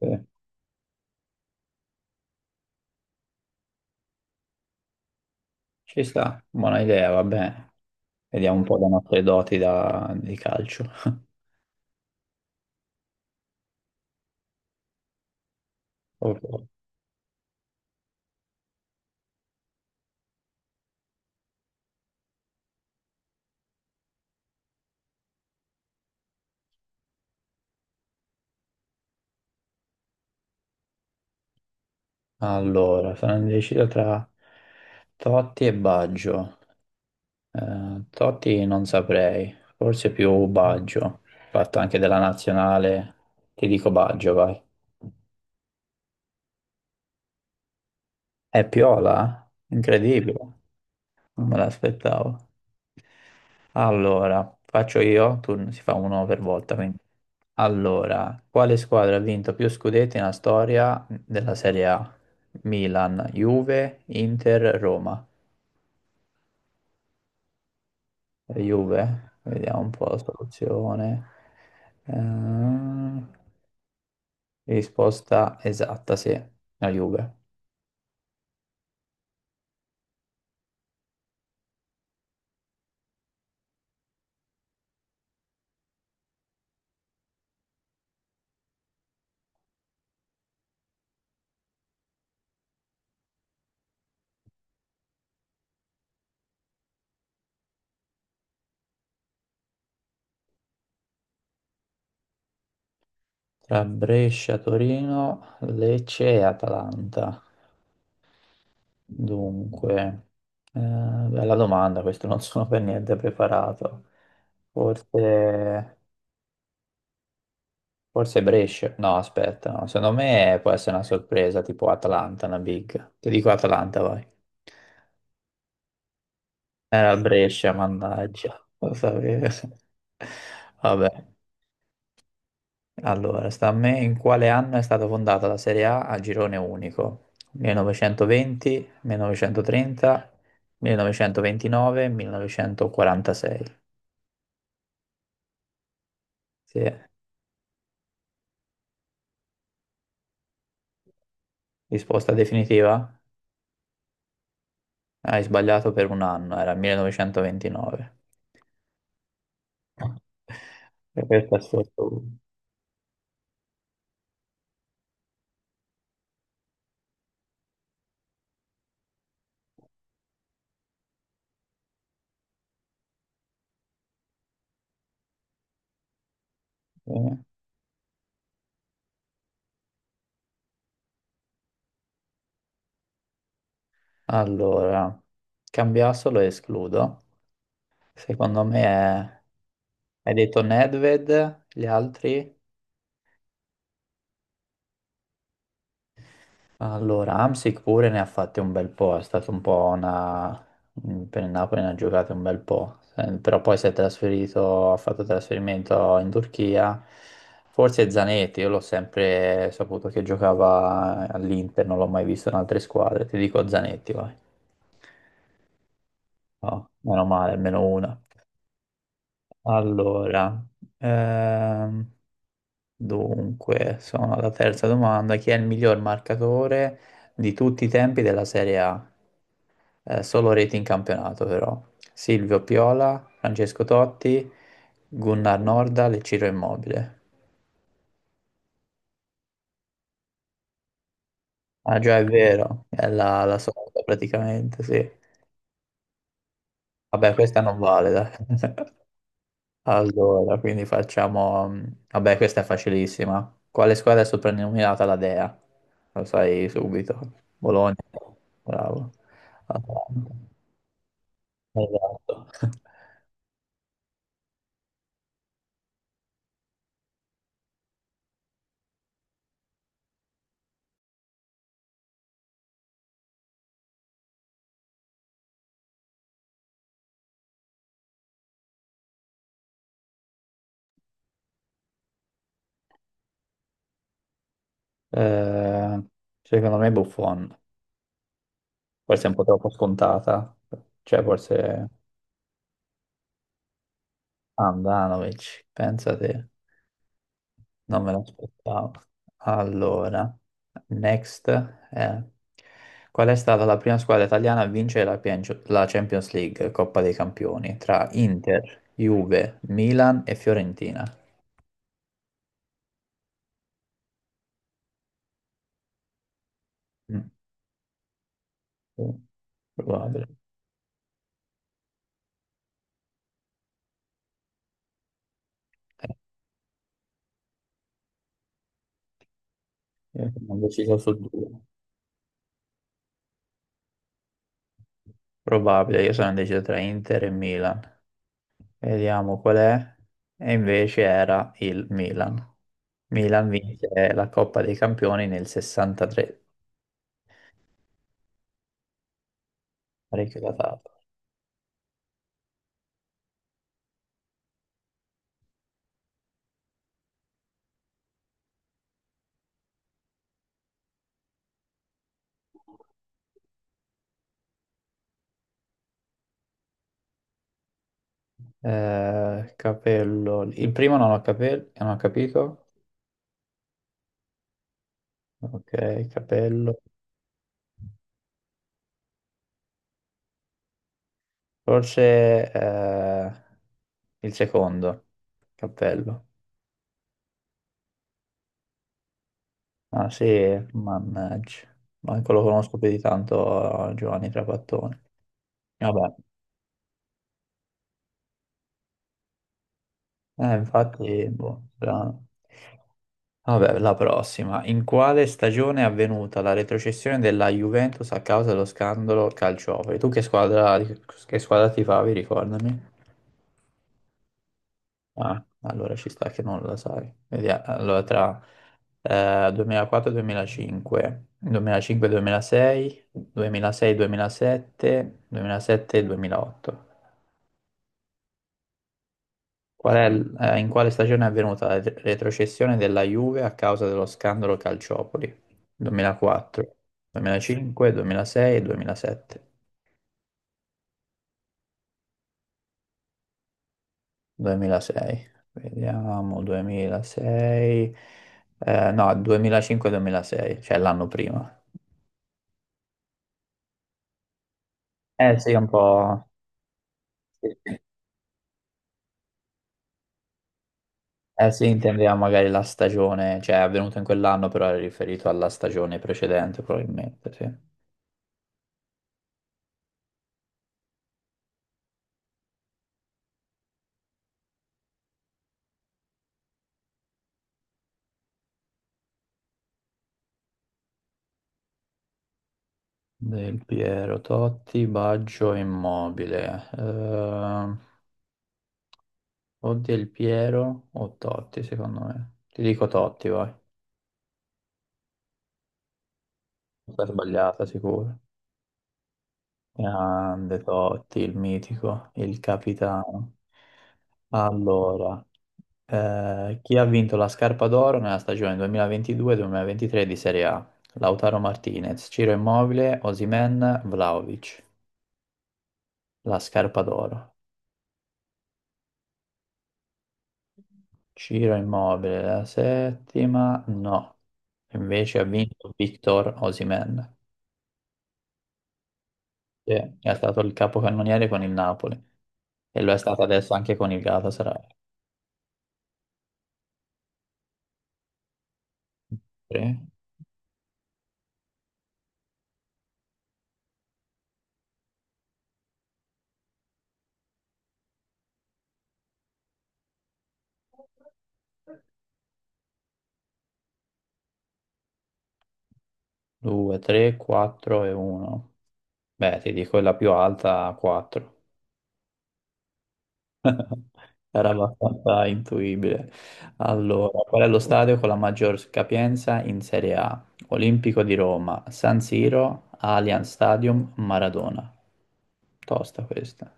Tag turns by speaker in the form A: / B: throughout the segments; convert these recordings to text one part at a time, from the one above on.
A: Sì. Ci sta, buona idea, vabbè. Vediamo un po' le nostre doti di calcio. Ok. Allora, sono indeciso tra Totti e Baggio. Totti non saprei, forse più Baggio. Fatto anche della nazionale, ti dico Baggio, vai. È Piola? Incredibile, non me l'aspettavo. Allora, faccio io, si fa uno per volta, quindi. Allora, quale squadra ha vinto più scudetti nella storia della Serie A? Milan, Juve, Inter, Roma. Juve, vediamo un po' la soluzione. Ehm, risposta esatta, sì, la Juve. Tra Brescia, Torino, Lecce e Atalanta. Dunque, bella domanda, questo non sono per niente preparato. Forse, forse Brescia. No, aspetta, no. Secondo me può essere una sorpresa tipo Atalanta, una big. Ti dico Atalanta, vai. Era il Brescia, mannaggia, lo sapevo. Vabbè, allora, sta a me, in quale anno è stata fondata la Serie A a girone unico? 1920, 1930, 1929, 1946. Sì, risposta definitiva? Hai sbagliato per un anno, era 1929. E questo è sotto. eh. Allora, cambiassolo e escludo. Secondo me è... Hai detto Nedved, gli altri? Allora, Amsic pure ne ha fatte un bel po', è stato un po' una... Per il Napoli ne ha giocate un bel po', però poi si è trasferito, ha fatto trasferimento in Turchia, forse Zanetti, io l'ho sempre saputo che giocava all'Inter, non l'ho mai visto in altre squadre, ti dico Zanetti, vai. No, meno male, almeno una. Allora, ehm, dunque, sono alla terza domanda. Chi è il miglior marcatore di tutti i tempi della Serie A? Solo reti in campionato, però. Silvio Piola, Francesco Totti, Gunnar Norda e Ciro Immobile. Ah, già è vero, è la solita praticamente, sì. Vabbè, questa non vale, dai. Allora, quindi facciamo... Vabbè, questa è facilissima. Quale squadra è soprannominata la Dea? Lo sai subito. Bologna. Bravo. Atalanta. Esatto. Eh, secondo me Buffon. Forse è un po' troppo scontata. Cioè, forse Andanovic, pensa te. Non me l'aspettavo. Allora, next è... Qual è stata la prima squadra italiana a vincere la la Champions League, Coppa dei Campioni, tra Inter, Juve, Milan e Fiorentina? Mm, sì, probabile. Eh, Io sono deciso su due. Probabile, io sono indeciso tra Inter e Milan. Vediamo qual è. E invece era il Milan. Milan vince la Coppa dei Campioni nel 63, parecchio datato. Capello. Il primo non ho, capelli, non ho capito. Ok, capello. Forse, il secondo. Cappello. Ah sì, mannaggia. Manco lo conosco più di tanto, Giovanni Trapattoni. Vabbè, infatti, boh, strano. Vabbè, la prossima. In quale stagione è avvenuta la retrocessione della Juventus a causa dello scandalo calciofero? Tu che squadra tifavi, ricordami? Ah, allora ci sta che non la sai. Vediamo. Allora, tra 2004 e 2005, 2005 2006, 2006 2007, 2007 e 2008. Qual è, in quale stagione è avvenuta la retrocessione della Juve a causa dello scandalo Calciopoli? 2004, 2005, 2006 e 2007. 2006, vediamo, 2006, no, 2005-2006, cioè l'anno prima. Eh sì, un po'. Eh sì, intendeva magari la stagione, cioè è avvenuto in quell'anno, però era riferito alla stagione precedente, probabilmente, sì. Del Piero, Totti, Baggio, Immobile. O Del Piero o Totti, secondo me. Ti dico Totti, vai. Sta sbagliata, sicuro. Grande Totti, il mitico, il capitano. Allora. Chi ha vinto la scarpa d'oro nella stagione 2022-2023 di Serie A? Lautaro Martinez, Ciro Immobile, Osimhen, Vlahovic. La scarpa d'oro. Ciro Immobile, la settima, no. Invece ha vinto Victor Osimhen, che è stato il capocannoniere con il Napoli e lo è stato adesso anche con il Galatasaray. 3, 2, 3, 4 e 1. Beh, ti dico è la più alta, 4. Era abbastanza intuibile. Allora, qual è lo stadio con la maggior capienza in Serie A? Olimpico di Roma, San Siro, Allianz Stadium, Maradona. Tosta questa.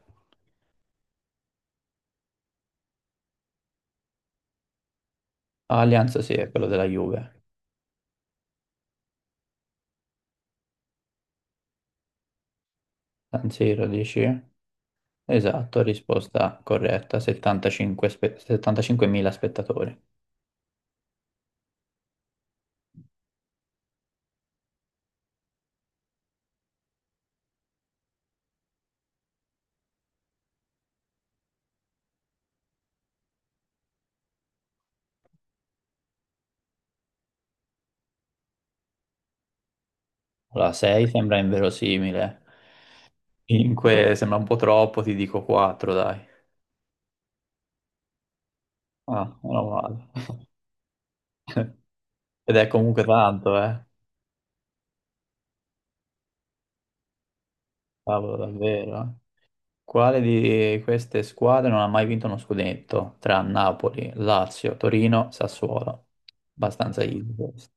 A: Allianz sì, è quello della Juve. San Siro dici? Esatto, risposta corretta, 75 75.000 spettatori. Allora, 6 sembra inverosimile, 5 sembra un po' troppo, ti dico 4, dai. Ah, meno male. Ed è comunque tanto, eh. Cavolo, davvero. Quale di queste squadre non ha mai vinto uno scudetto? Tra Napoli, Lazio, Torino, Sassuolo. Abbastanza easy questo.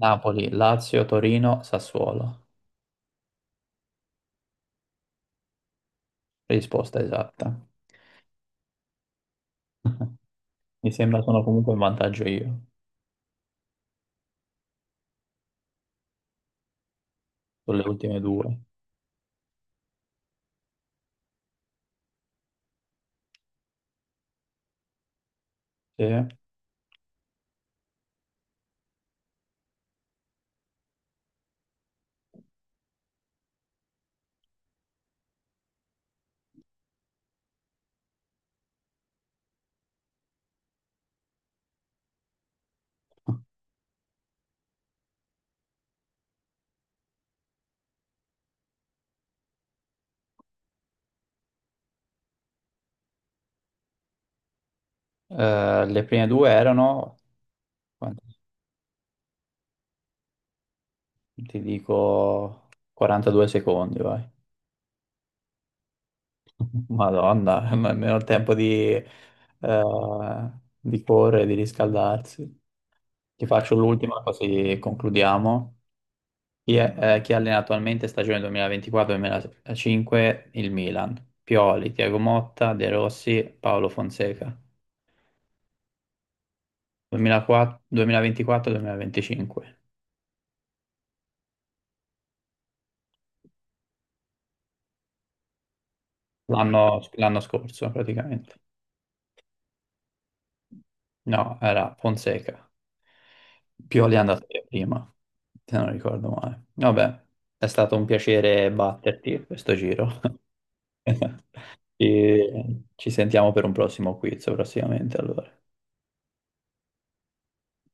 A: Napoli, Lazio, Torino, Sassuolo. Risposta esatta. Mi sembra sono comunque in vantaggio io, sulle ultime due. Sì. Le prime due erano, quanti- ti dico, 42 secondi, vai. Madonna, nemmeno il tempo di correre, di riscaldarsi. Ti faccio l'ultima così concludiamo. Chi allena attualmente stagione 2024-2025 il Milan? Pioli, Tiago Motta, De Rossi, Paolo Fonseca. 2004 2024-2025, l'anno scorso praticamente. No, era Fonseca. Pioli è andato via prima, se non ricordo male. Vabbè, è stato un piacere batterti questo giro. E ci sentiamo per un prossimo quiz prossimamente, allora.